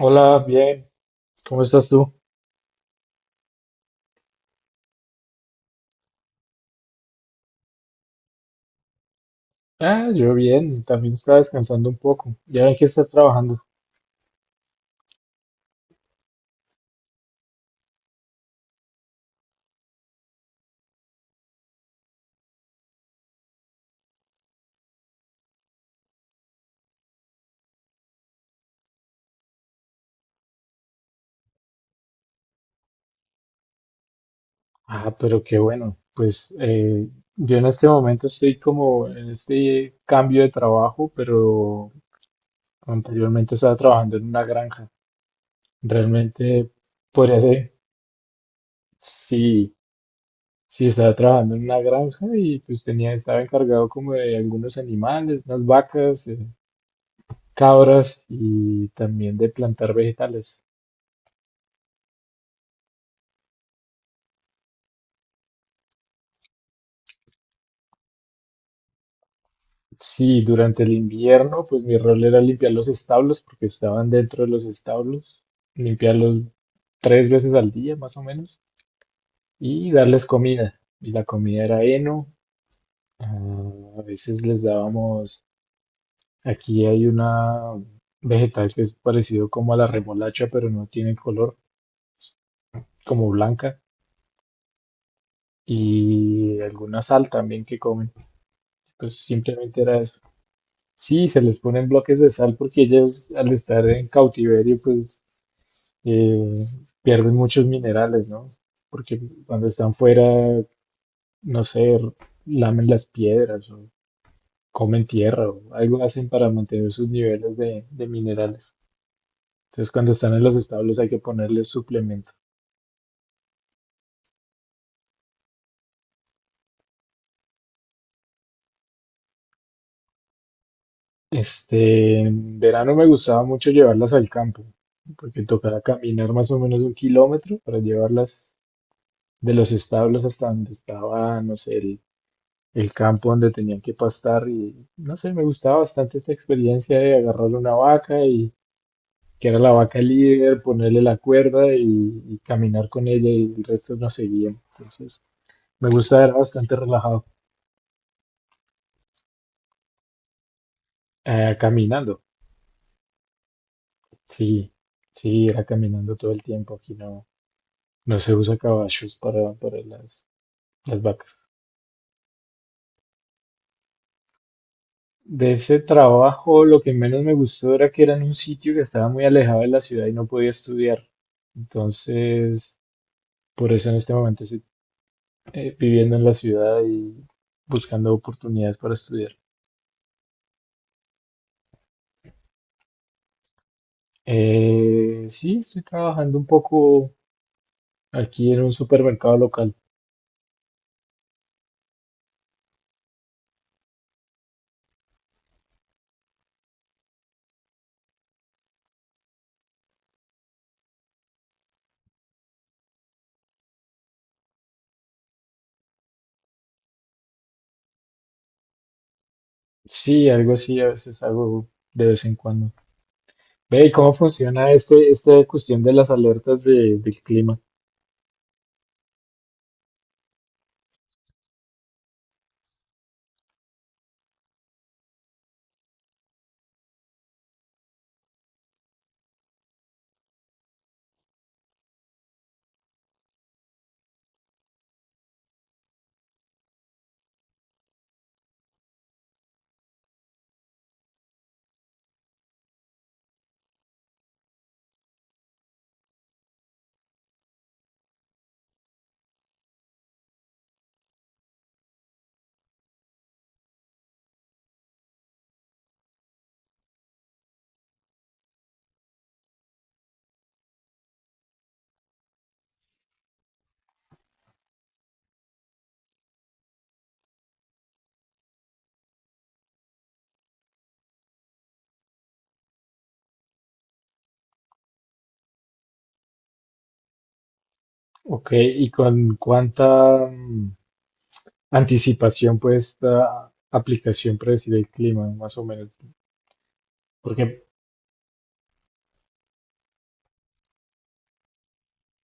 Hola, bien, ¿cómo estás tú? Ah, yo bien, también estaba descansando un poco. ¿Ya ven que estás trabajando? Ah, pero qué bueno. Pues yo en este momento estoy como en este cambio de trabajo, pero anteriormente estaba trabajando en una granja. Realmente, podría ser, sí, sí estaba trabajando en una granja y pues tenía, estaba encargado como de algunos animales, unas vacas, cabras y también de plantar vegetales. Sí, durante el invierno, pues mi rol era limpiar los establos porque estaban dentro de los establos, limpiarlos tres veces al día más o menos y darles comida. Y la comida era heno, ah, a veces les dábamos, aquí hay una vegetal que es parecido como a la remolacha, pero no tiene color, como blanca, y alguna sal también que comen. Pues simplemente era eso. Sí, se les ponen bloques de sal porque ellas al estar en cautiverio, pues eh, pierden muchos minerales, ¿no? Porque cuando están fuera, no sé, lamen las piedras o comen tierra o algo hacen para mantener sus niveles de minerales. Entonces, cuando están en los establos hay que ponerles suplemento. Este, en verano me gustaba mucho llevarlas al campo, porque tocaba caminar más o menos un kilómetro para llevarlas de los establos hasta donde estaba, no sé, el campo donde tenían que pastar y no sé, me gustaba bastante esta experiencia de agarrar una vaca y que era la vaca líder, ponerle la cuerda y caminar con ella y el resto nos seguía. Entonces, me gustaba, era bastante relajado. Caminando, sí, sí, era caminando todo el tiempo. Aquí no, no se usa caballos para las vacas. De ese trabajo, lo que menos me gustó era que era en un sitio que estaba muy alejado de la ciudad y no podía estudiar. Entonces, por eso en este momento estoy viviendo en la ciudad y buscando oportunidades para estudiar. Sí, estoy trabajando un poco aquí en un supermercado local. Sí, algo así a veces hago de vez en cuando. Ve, ¿y cómo funciona este, esta cuestión de las alertas del clima? Ok, ¿y con cuánta anticipación puede esta aplicación predecir el clima, más o menos? Porque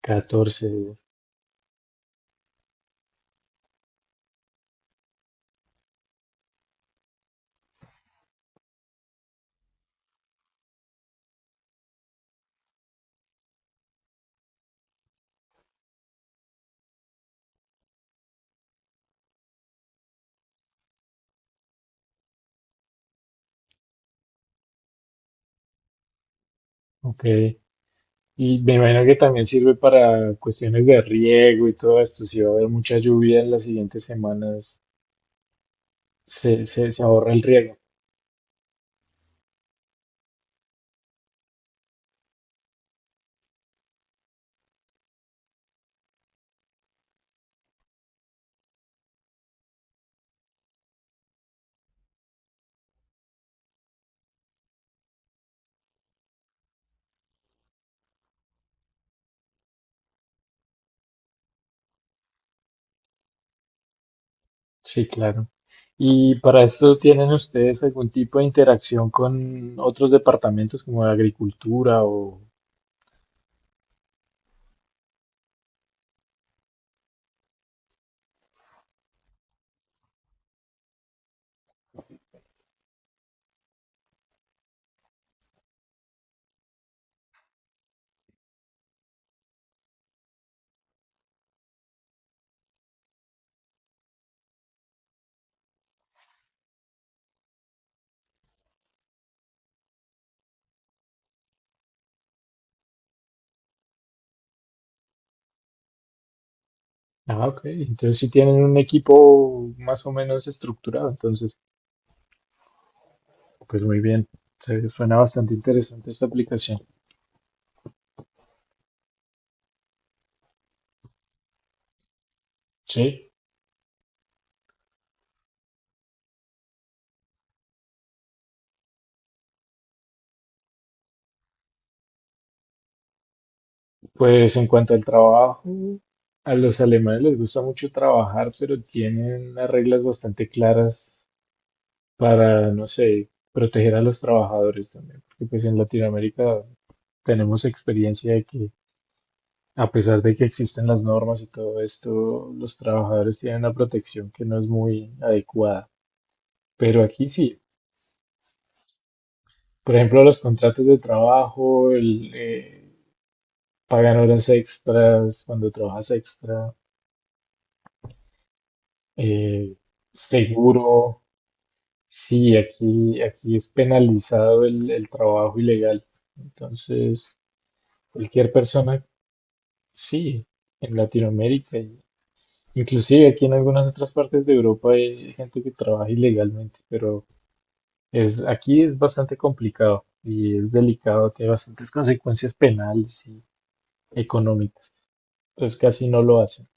14, ok. Y me imagino que también sirve para cuestiones de riego y todo esto. Si va a haber mucha lluvia en las siguientes semanas, se ahorra el riego. Sí, claro. ¿Y para esto tienen ustedes algún tipo de interacción con otros departamentos como de agricultura o... Ah, ok. Entonces sí tienen un equipo más o menos estructurado. Entonces, pues muy bien. Suena bastante interesante esta aplicación. Sí. Pues en cuanto al trabajo, a los alemanes les gusta mucho trabajar, pero tienen unas reglas bastante claras para, no sé, proteger a los trabajadores también, porque pues en Latinoamérica tenemos experiencia de que a pesar de que existen las normas y todo esto, los trabajadores tienen una protección que no es muy adecuada. Pero aquí sí, por ejemplo, los contratos de trabajo, pagan horas extras cuando trabajas extra, eh, seguro. Sí, aquí es penalizado el trabajo ilegal. Entonces, cualquier persona, sí, en Latinoamérica, y inclusive aquí en algunas otras partes de Europa hay gente que trabaja ilegalmente, pero es, aquí es bastante complicado y es delicado, tiene bastantes consecuencias penales y económicas. Entonces casi no lo hacen.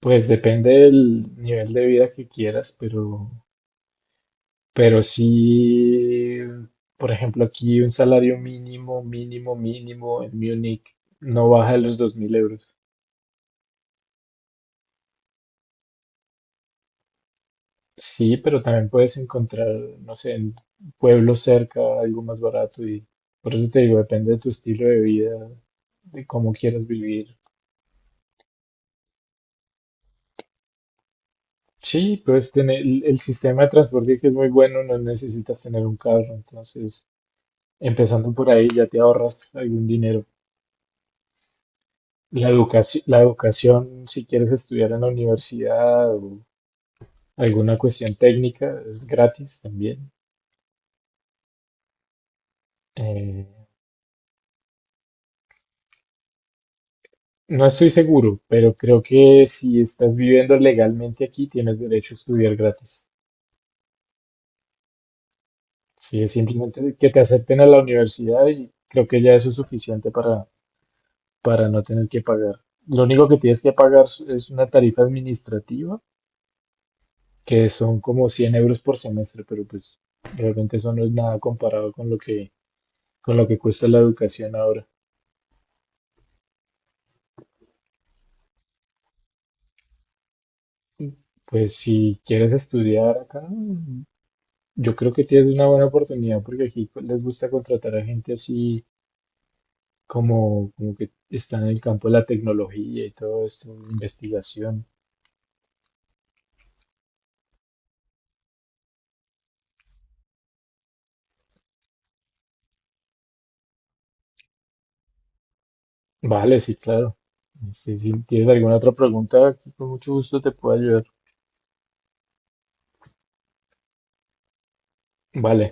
Pues depende del nivel de vida que quieras, pero sí, por ejemplo, aquí un salario mínimo, mínimo, mínimo en Múnich no baja de los 2.000 euros. Sí, pero también puedes encontrar, no sé, en pueblos cerca algo más barato y por eso te digo, depende de tu estilo de vida, de cómo quieras vivir. Sí, puedes tener el sistema de transporte que es muy bueno, no necesitas tener un carro, entonces empezando por ahí ya te ahorras algún dinero. La educación, si quieres estudiar en la universidad o alguna cuestión técnica, es gratis también. Eh, no estoy seguro, pero creo que si estás viviendo legalmente aquí, tienes derecho a estudiar gratis. Sí, es simplemente que te acepten a la universidad y creo que ya eso es suficiente para no tener que pagar. Lo único que tienes que pagar es una tarifa administrativa, que son como 100 € por semestre, pero pues realmente eso no es nada comparado con lo que cuesta la educación ahora. Pues si quieres estudiar acá, yo creo que tienes una buena oportunidad porque aquí les gusta contratar a gente así como, como que está en el campo de la tecnología y todo esto, de investigación. Vale, sí, claro. Este, si tienes alguna otra pregunta, aquí con mucho gusto te puedo ayudar. Vale.